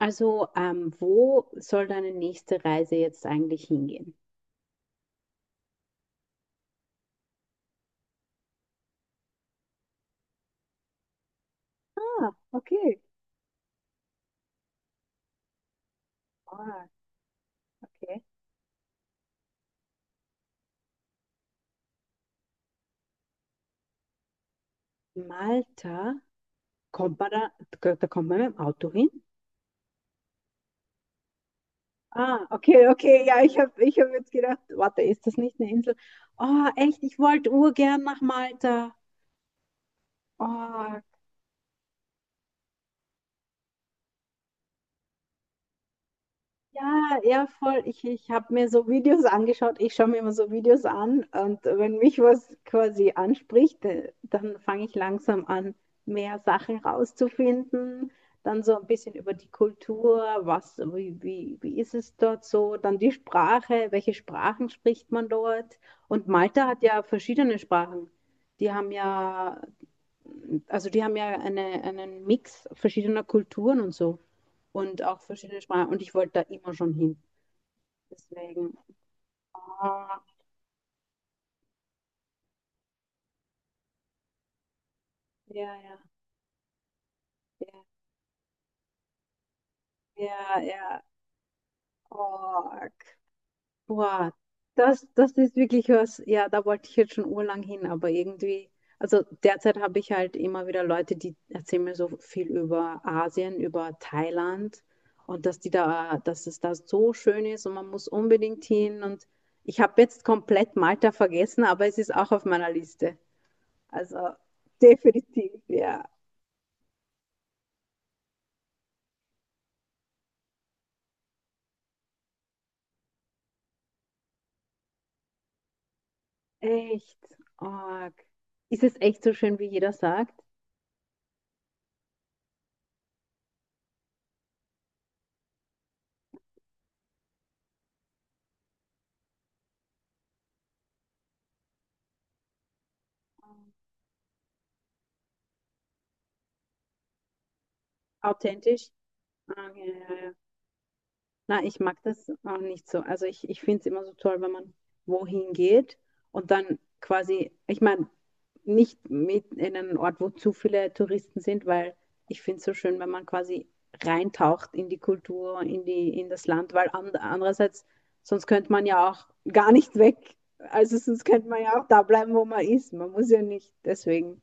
Also, wo soll deine nächste Reise jetzt eigentlich hingehen? Ah, okay. Ah, okay. Malta, kommt man da, da kommt man mit dem Auto hin? Ah, okay, okay. Ja, ich hab jetzt gedacht, warte, ist das nicht eine Insel? Oh, echt, ich wollte urgern nach Malta. Oh, ja, ja, voll. Ich habe mir so Videos angeschaut. Ich schaue mir immer so Videos an, und wenn mich was quasi anspricht, dann fange ich langsam an, mehr Sachen rauszufinden. Dann so ein bisschen über die Kultur, wie ist es dort so? Dann die Sprache, welche Sprachen spricht man dort? Und Malta hat ja verschiedene Sprachen. Die haben ja, also die haben ja einen Mix verschiedener Kulturen und so, und auch verschiedene Sprachen. Und ich wollte da immer schon hin. Deswegen. Oh, ja, ja, ja, ja, ja. Oh, k- boah, das ist wirklich was, ja, da wollte ich jetzt schon urlang hin, aber irgendwie, also derzeit habe ich halt immer wieder Leute, die erzählen mir so viel über Asien, über Thailand, und dass es da so schön ist und man muss unbedingt hin, und ich habe jetzt komplett Malta vergessen, aber es ist auch auf meiner Liste. Also definitiv, ja. Echt arg. Ist es echt so schön, wie jeder sagt? Authentisch? Ah, ja, ja, ja, ja. Na, ich mag das auch nicht so. Also ich finde es immer so toll, wenn man wohin geht und dann quasi, ich meine, nicht mit in einen Ort, wo zu viele Touristen sind, weil ich finde es so schön, wenn man quasi reintaucht in die Kultur, in die, in das Land, weil andererseits, sonst könnte man ja auch gar nicht weg. Also sonst könnte man ja auch da bleiben, wo man ist. Man muss ja nicht, deswegen.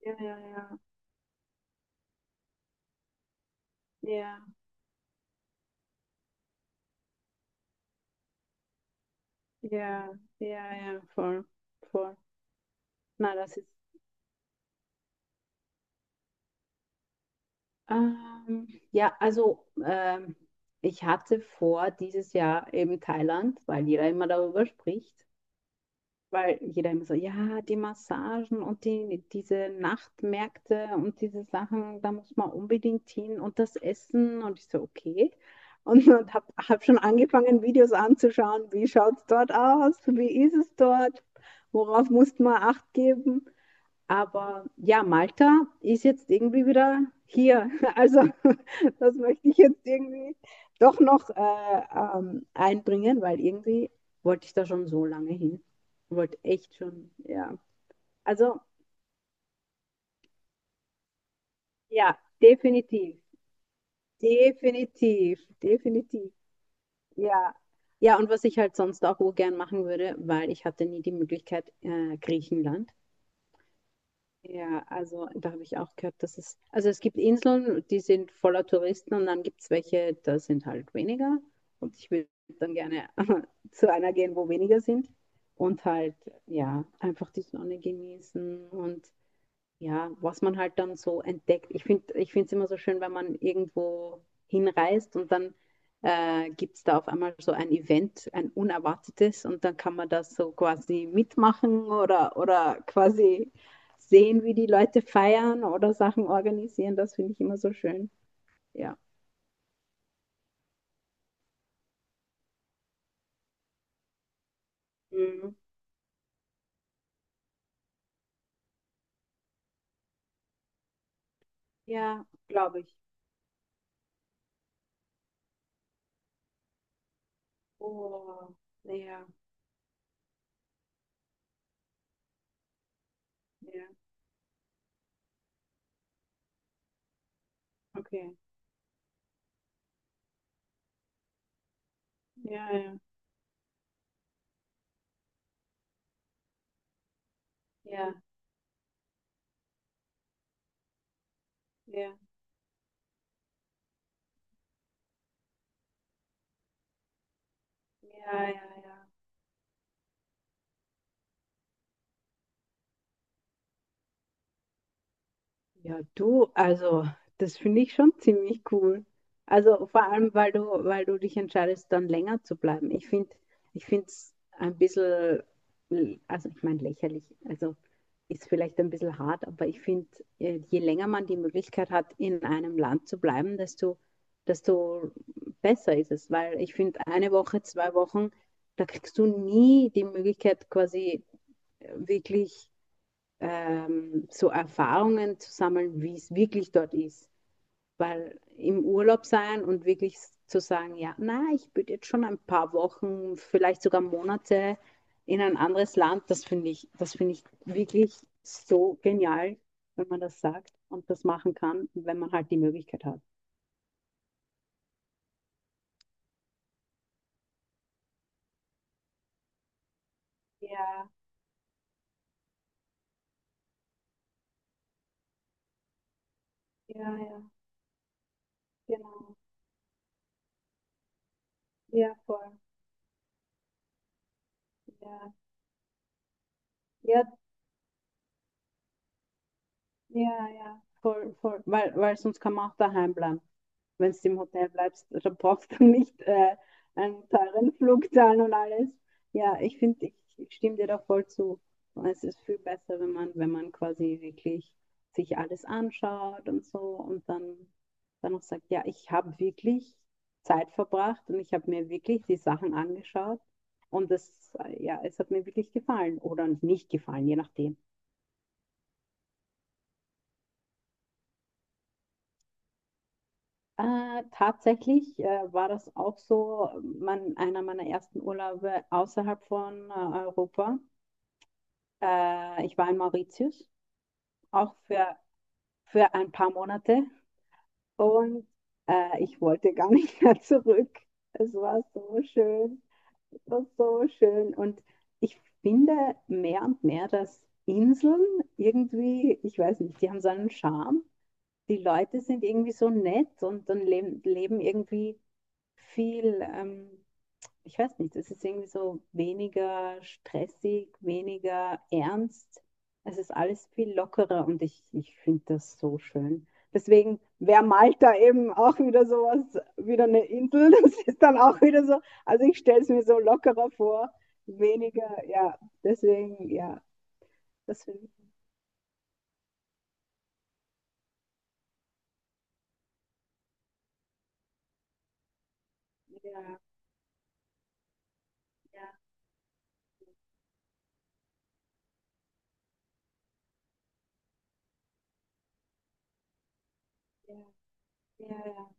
Ja, ja, ja, ja, ja, ja, ja, voll, voll. Na, das ist. Ja, also, ich hatte vor, dieses Jahr eben Thailand, weil jeder immer darüber spricht. Weil jeder immer so, ja, die Massagen und die, diese Nachtmärkte und diese Sachen, da muss man unbedingt hin, und das Essen. Und ich so, okay. Und und hab schon angefangen, Videos anzuschauen, wie schaut es dort aus, wie ist es dort, worauf muss man Acht geben. Aber ja, Malta ist jetzt irgendwie wieder hier. Also das möchte ich jetzt irgendwie doch noch einbringen, weil irgendwie wollte ich da schon so lange hin. Wollte echt schon, ja. Also ja, definitiv. Definitiv, definitiv. Ja. Ja, und was ich halt sonst auch gern machen würde, weil ich hatte nie die Möglichkeit, Griechenland. Ja, also da habe ich auch gehört, dass es, also es gibt Inseln, die sind voller Touristen, und dann gibt es welche, da sind halt weniger. Und ich würde dann gerne zu einer gehen, wo weniger sind, und halt, ja, einfach die Sonne genießen und ja, was man halt dann so entdeckt. Ich finde es immer so schön, wenn man irgendwo hinreist und dann gibt es da auf einmal so ein Event, ein unerwartetes, und dann kann man das so quasi mitmachen oder quasi sehen, wie die Leute feiern oder Sachen organisieren. Das finde ich immer so schön. Ja. Mhm. Ja, glaube ich. Oh, ja, ja, okay. Ja, ja, ja, ja, ja, ja, ja. Ja, du, also das finde ich schon ziemlich cool. Also vor allem, weil du dich entscheidest, dann länger zu bleiben. Ich finde es ein bisschen, also ich meine lächerlich, also ist vielleicht ein bisschen hart, aber ich finde, je länger man die Möglichkeit hat, in einem Land zu bleiben, desto, desto besser ist es. Weil ich finde, eine Woche, zwei Wochen, da kriegst du nie die Möglichkeit, quasi wirklich so Erfahrungen zu sammeln, wie es wirklich dort ist. Weil im Urlaub sein und wirklich zu sagen, ja, na, ich würde jetzt schon ein paar Wochen, vielleicht sogar Monate in ein anderes Land, das finde ich wirklich so genial, wenn man das sagt und das machen kann, wenn man halt die Möglichkeit hat. Ja, ja, voll, voll. Weil, weil sonst kann man auch daheim bleiben. Wenn du im Hotel bleibst, da brauchst du nicht einen teuren Flug zahlen und alles. Ja, ich finde, ich stimme dir da voll zu. Es ist viel besser, wenn man, wenn man quasi wirklich sich alles anschaut und so, und dann, dann auch sagt, ja, ich habe wirklich Zeit verbracht und ich habe mir wirklich die Sachen angeschaut, und das, ja, es hat mir wirklich gefallen oder nicht gefallen, je nachdem. Tatsächlich war das auch so, einer meiner ersten Urlaube außerhalb von Europa. Ich war in Mauritius, auch für ein paar Monate und ich wollte gar nicht mehr zurück. Es war so schön, es war so schön und ich finde mehr und mehr, dass Inseln irgendwie, ich weiß nicht, die haben so einen Charme. Die Leute sind irgendwie so nett, und dann leben irgendwie viel. Ich weiß nicht, es ist irgendwie so weniger stressig, weniger ernst. Es ist alles viel lockerer und ich finde das so schön. Deswegen wäre Malta eben auch wieder sowas, wieder eine Insel. Das ist dann auch wieder so. Also ich stelle es mir so lockerer vor, weniger, ja. Deswegen, ja, das finde ich. Ja, ja, ja, ja, ja,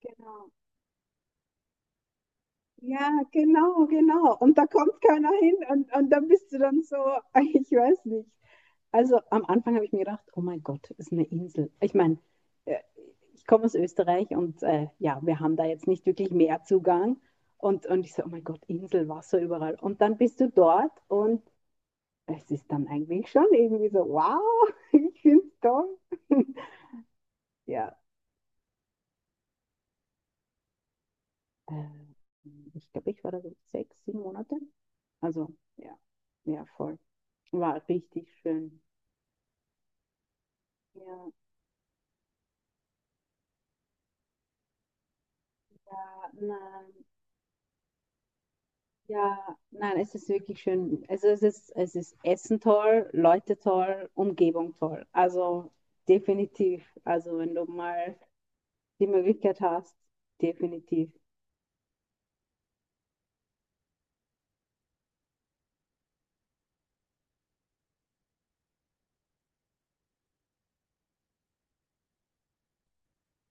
genau. Ja, genau, genau. Und da kommt keiner hin, und dann bist du dann so, ich weiß nicht. Also am Anfang habe ich mir gedacht, oh mein Gott, ist eine Insel. Ich meine, äh, ich komme aus Österreich und ja, wir haben da jetzt nicht wirklich mehr Zugang. Und ich so, oh mein Gott, Insel, Wasser überall. Und dann bist du dort, und es ist dann eigentlich schon irgendwie so, wow, ich finde es toll. Ja, äh, ich glaube, ich war da so 6, 7 Monate. Also, ja, ja, voll. War richtig schön. Ja, ja, nein, ja, nein, es ist wirklich schön. Also es ist Essen toll, Leute toll, Umgebung toll. Also definitiv. Also wenn du mal die Möglichkeit hast, definitiv.